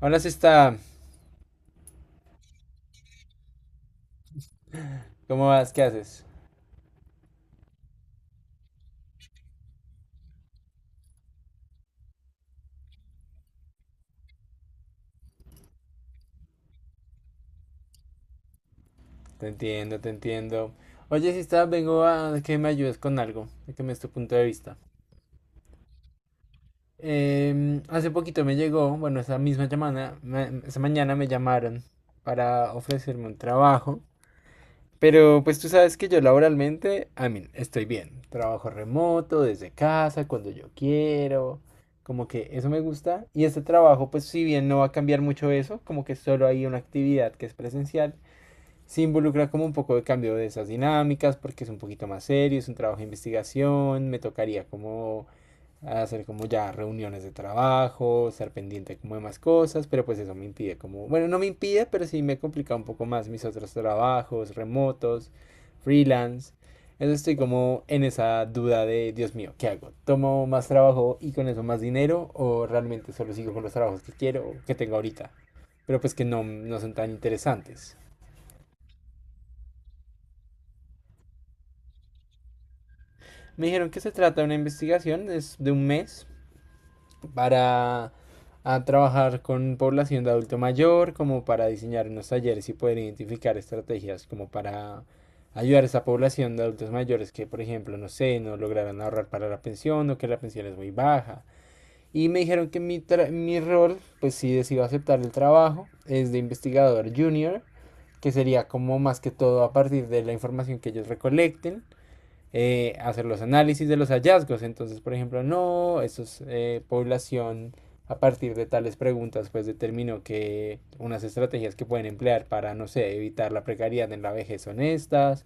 Hola, si está. ¿Cómo vas? ¿Qué haces? Te entiendo, te entiendo. Oye, si está, vengo a que me ayudes con algo, a que me des tu punto de vista. Hace poquito me llegó, bueno, esa misma llamada, esa mañana me llamaron para ofrecerme un trabajo. Pero pues tú sabes que yo laboralmente, a mí, estoy bien. Trabajo remoto, desde casa, cuando yo quiero. Como que eso me gusta. Y este trabajo, pues si bien no va a cambiar mucho eso, como que solo hay una actividad que es presencial. Sí involucra como un poco de cambio de esas dinámicas porque es un poquito más serio, es un trabajo de investigación, me tocaría como hacer como ya reuniones de trabajo, estar pendiente como de más cosas, pero pues eso me impide como, bueno, no me impide, pero sí me complica un poco más mis otros trabajos remotos, freelance. Entonces estoy como en esa duda de, Dios mío, ¿qué hago? ¿Tomo más trabajo y con eso más dinero o realmente solo sigo con los trabajos que quiero o que tengo ahorita? Pero pues que no, no son tan interesantes. Me dijeron que se trata de una investigación, es de un mes, para a trabajar con población de adulto mayor, como para diseñar unos talleres y poder identificar estrategias como para ayudar a esa población de adultos mayores que, por ejemplo, no sé, no lograran ahorrar para la pensión o que la pensión es muy baja. Y me dijeron que mi, mi rol, pues si decido aceptar el trabajo, es de investigador junior, que sería como más que todo a partir de la información que ellos recolecten, hacer los análisis de los hallazgos. Entonces, por ejemplo, no, eso es población. A partir de tales preguntas, pues determinó que unas estrategias que pueden emplear para, no sé, evitar la precariedad en la vejez son estas,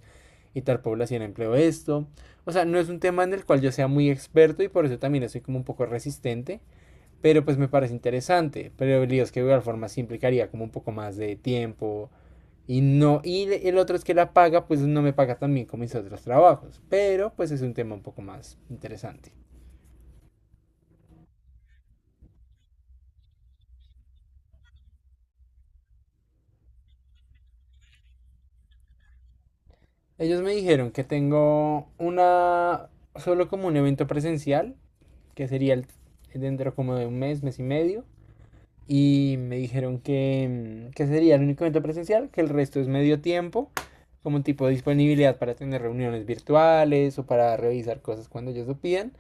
y tal población empleó esto. O sea, no es un tema en el cual yo sea muy experto y por eso también estoy como un poco resistente, pero pues me parece interesante. Pero el lío es que de igual forma sí implicaría como un poco más de tiempo, y no, y el otro es que la paga, pues no me paga tan bien como mis otros trabajos. Pero pues es un tema un poco más interesante. Ellos me dijeron que tengo una, solo como un evento presencial, que sería dentro como de un mes, mes y medio. Y me dijeron que, que sería el único evento presencial, que el resto es medio tiempo, como un tipo de disponibilidad para tener reuniones virtuales o para revisar cosas cuando ellos lo pidan,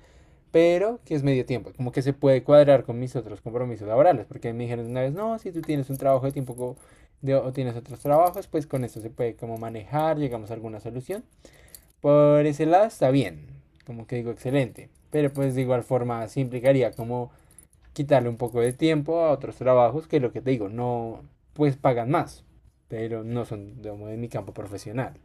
pero que es medio tiempo, como que se puede cuadrar con mis otros compromisos laborales, porque me dijeron una vez, no, si tú tienes un trabajo de tiempo de, o tienes otros trabajos, pues con esto se puede como manejar, llegamos a alguna solución. Por ese lado está bien, como que digo excelente, pero pues de igual forma sí implicaría como quitarle un poco de tiempo a otros trabajos que lo que te digo, no, pues pagan más, pero no son digamos, de mi campo profesional.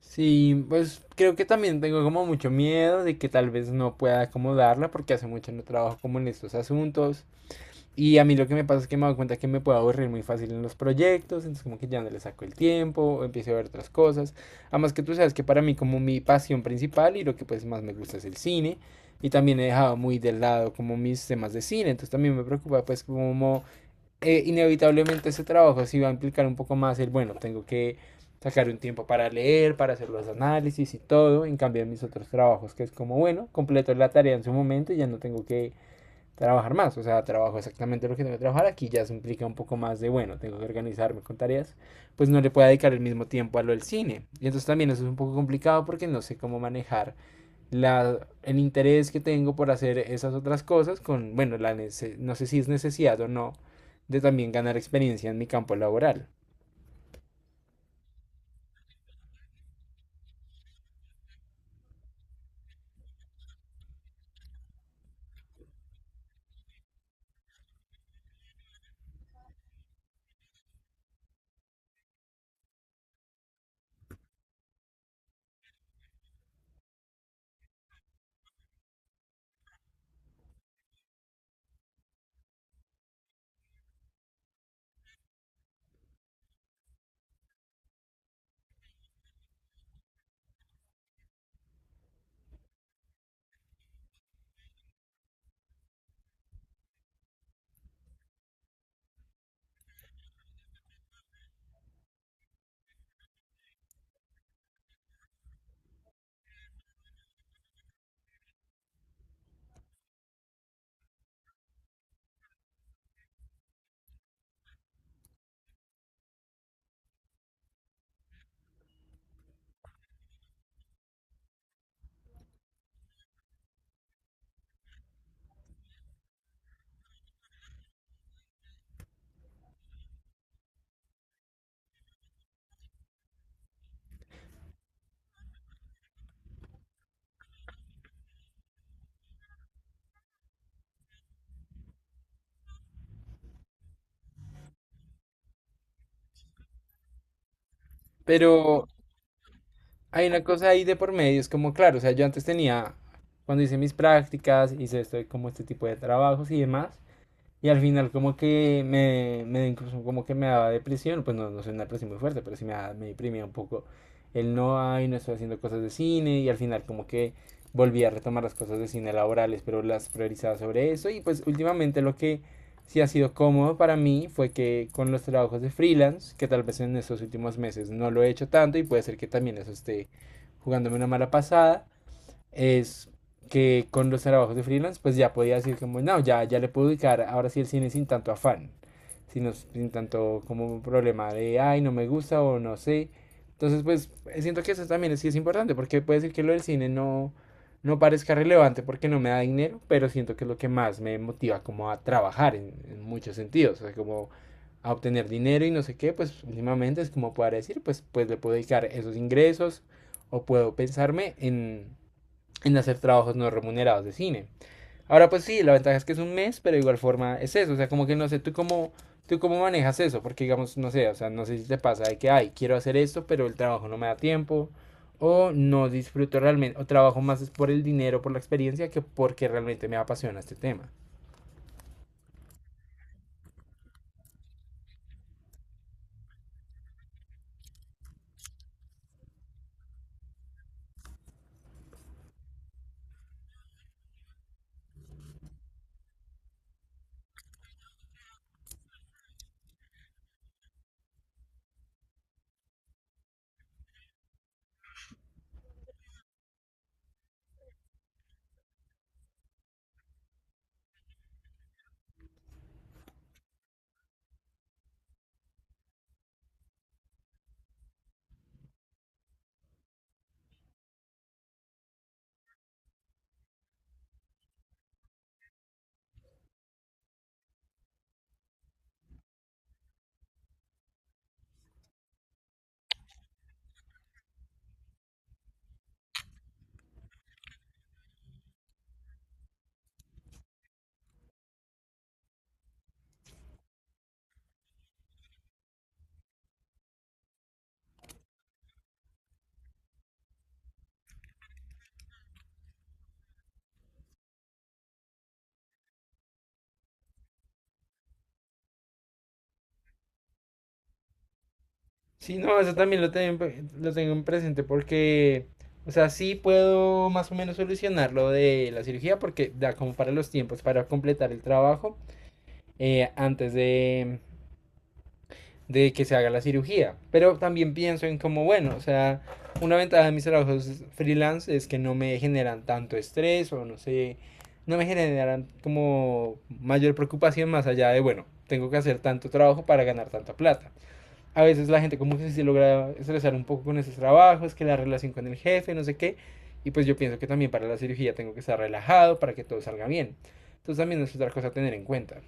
Sí, pues creo que también tengo como mucho miedo de que tal vez no pueda acomodarla porque hace mucho no trabajo como en estos asuntos y a mí lo que me pasa es que me doy cuenta que me puedo aburrir muy fácil en los proyectos, entonces como que ya no le saco el tiempo o empiezo a ver otras cosas. Además que tú sabes que para mí como mi pasión principal y lo que pues más me gusta es el cine y también he dejado muy de lado como mis temas de cine, entonces también me preocupa pues como, inevitablemente ese trabajo sí va a implicar un poco más el, bueno, tengo que sacar un tiempo para leer, para hacer los análisis y todo, en cambio en mis otros trabajos, que es como, bueno, completo la tarea en su momento y ya no tengo que trabajar más, o sea, trabajo exactamente lo que tengo que trabajar, aquí ya se implica un poco más de, bueno, tengo que organizarme con tareas, pues no le puedo dedicar el mismo tiempo a lo del cine. Y entonces también eso es un poco complicado porque no sé cómo manejar la, el interés que tengo por hacer esas otras cosas con, bueno, la no sé si es necesidad o no de también ganar experiencia en mi campo laboral. Pero hay una cosa ahí de por medio, es como, claro, o sea, yo antes tenía, cuando hice mis prácticas, hice esto, como este tipo de trabajos y demás, y al final como que me incluso como que me daba depresión, pues no, no sé una depresión muy fuerte, pero sí me, me deprimía un poco el no hay, no estoy haciendo cosas de cine y al final como que volví a retomar las cosas de cine laborales, pero las priorizaba sobre eso y pues últimamente lo que sí ha sido cómodo para mí fue que con los trabajos de freelance, que tal vez en estos últimos meses no lo he hecho tanto y puede ser que también eso esté jugándome una mala pasada, es que con los trabajos de freelance, pues ya podía decir como, no, ya le puedo dedicar ahora sí el cine sin tanto afán, sino sin tanto como un problema de, ay, no me gusta o no sé. Entonces, pues siento que eso también sí es importante, porque puede decir que lo del cine no, no parezca relevante porque no me da dinero, pero siento que es lo que más me motiva como a trabajar en muchos sentidos, o sea, como a obtener dinero y no sé qué, pues últimamente es como poder decir, pues le puedo dedicar esos ingresos o puedo pensarme en hacer trabajos no remunerados de cine. Ahora pues sí, la ventaja es que es un mes, pero de igual forma es eso, o sea, como que no sé, tú cómo manejas eso, porque digamos, no sé, o sea, no sé si te pasa de que, ay, quiero hacer esto, pero el trabajo no me da tiempo, o no disfruto realmente, o trabajo más es por el dinero, por la experiencia, que porque realmente me apasiona este tema. Sí, no, eso también lo tengo en presente porque, o sea, sí puedo más o menos solucionar lo de la cirugía porque da como para los tiempos para completar el trabajo, antes de que se haga la cirugía. Pero también pienso en como, bueno, o sea, una ventaja de mis trabajos freelance es que no me generan tanto estrés o no sé, no me generan como mayor preocupación más allá de, bueno, tengo que hacer tanto trabajo para ganar tanta plata. A veces la gente como que se logra estresar un poco con esos trabajos, que la relación con el jefe, no sé qué. Y pues yo pienso que también para la cirugía tengo que estar relajado para que todo salga bien. Entonces también es otra cosa a tener en cuenta.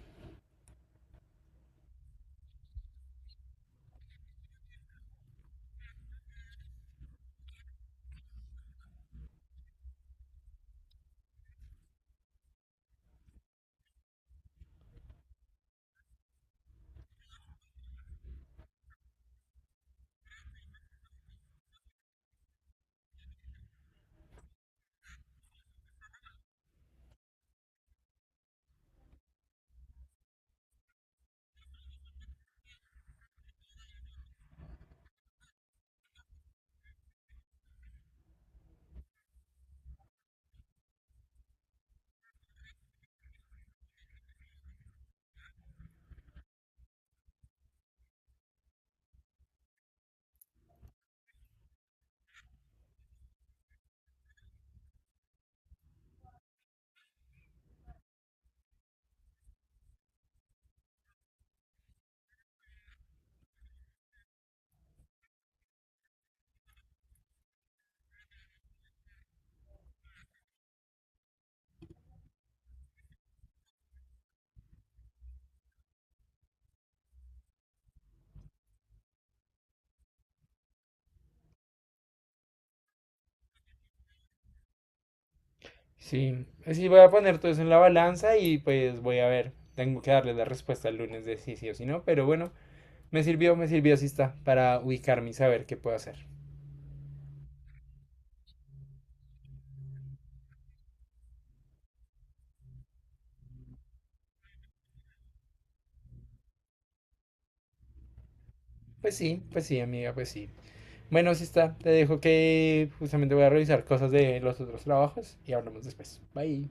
Sí, sí, voy a poner todo eso en la balanza y pues voy a ver. Tengo que darle la respuesta el lunes de si sí o si no, pero bueno, me sirvió, sí está, para ubicarme y saber qué puedo hacer. Pues sí, amiga, pues sí. Bueno, sí está, te dejo que justamente voy a revisar cosas de los otros trabajos y hablamos después. Bye.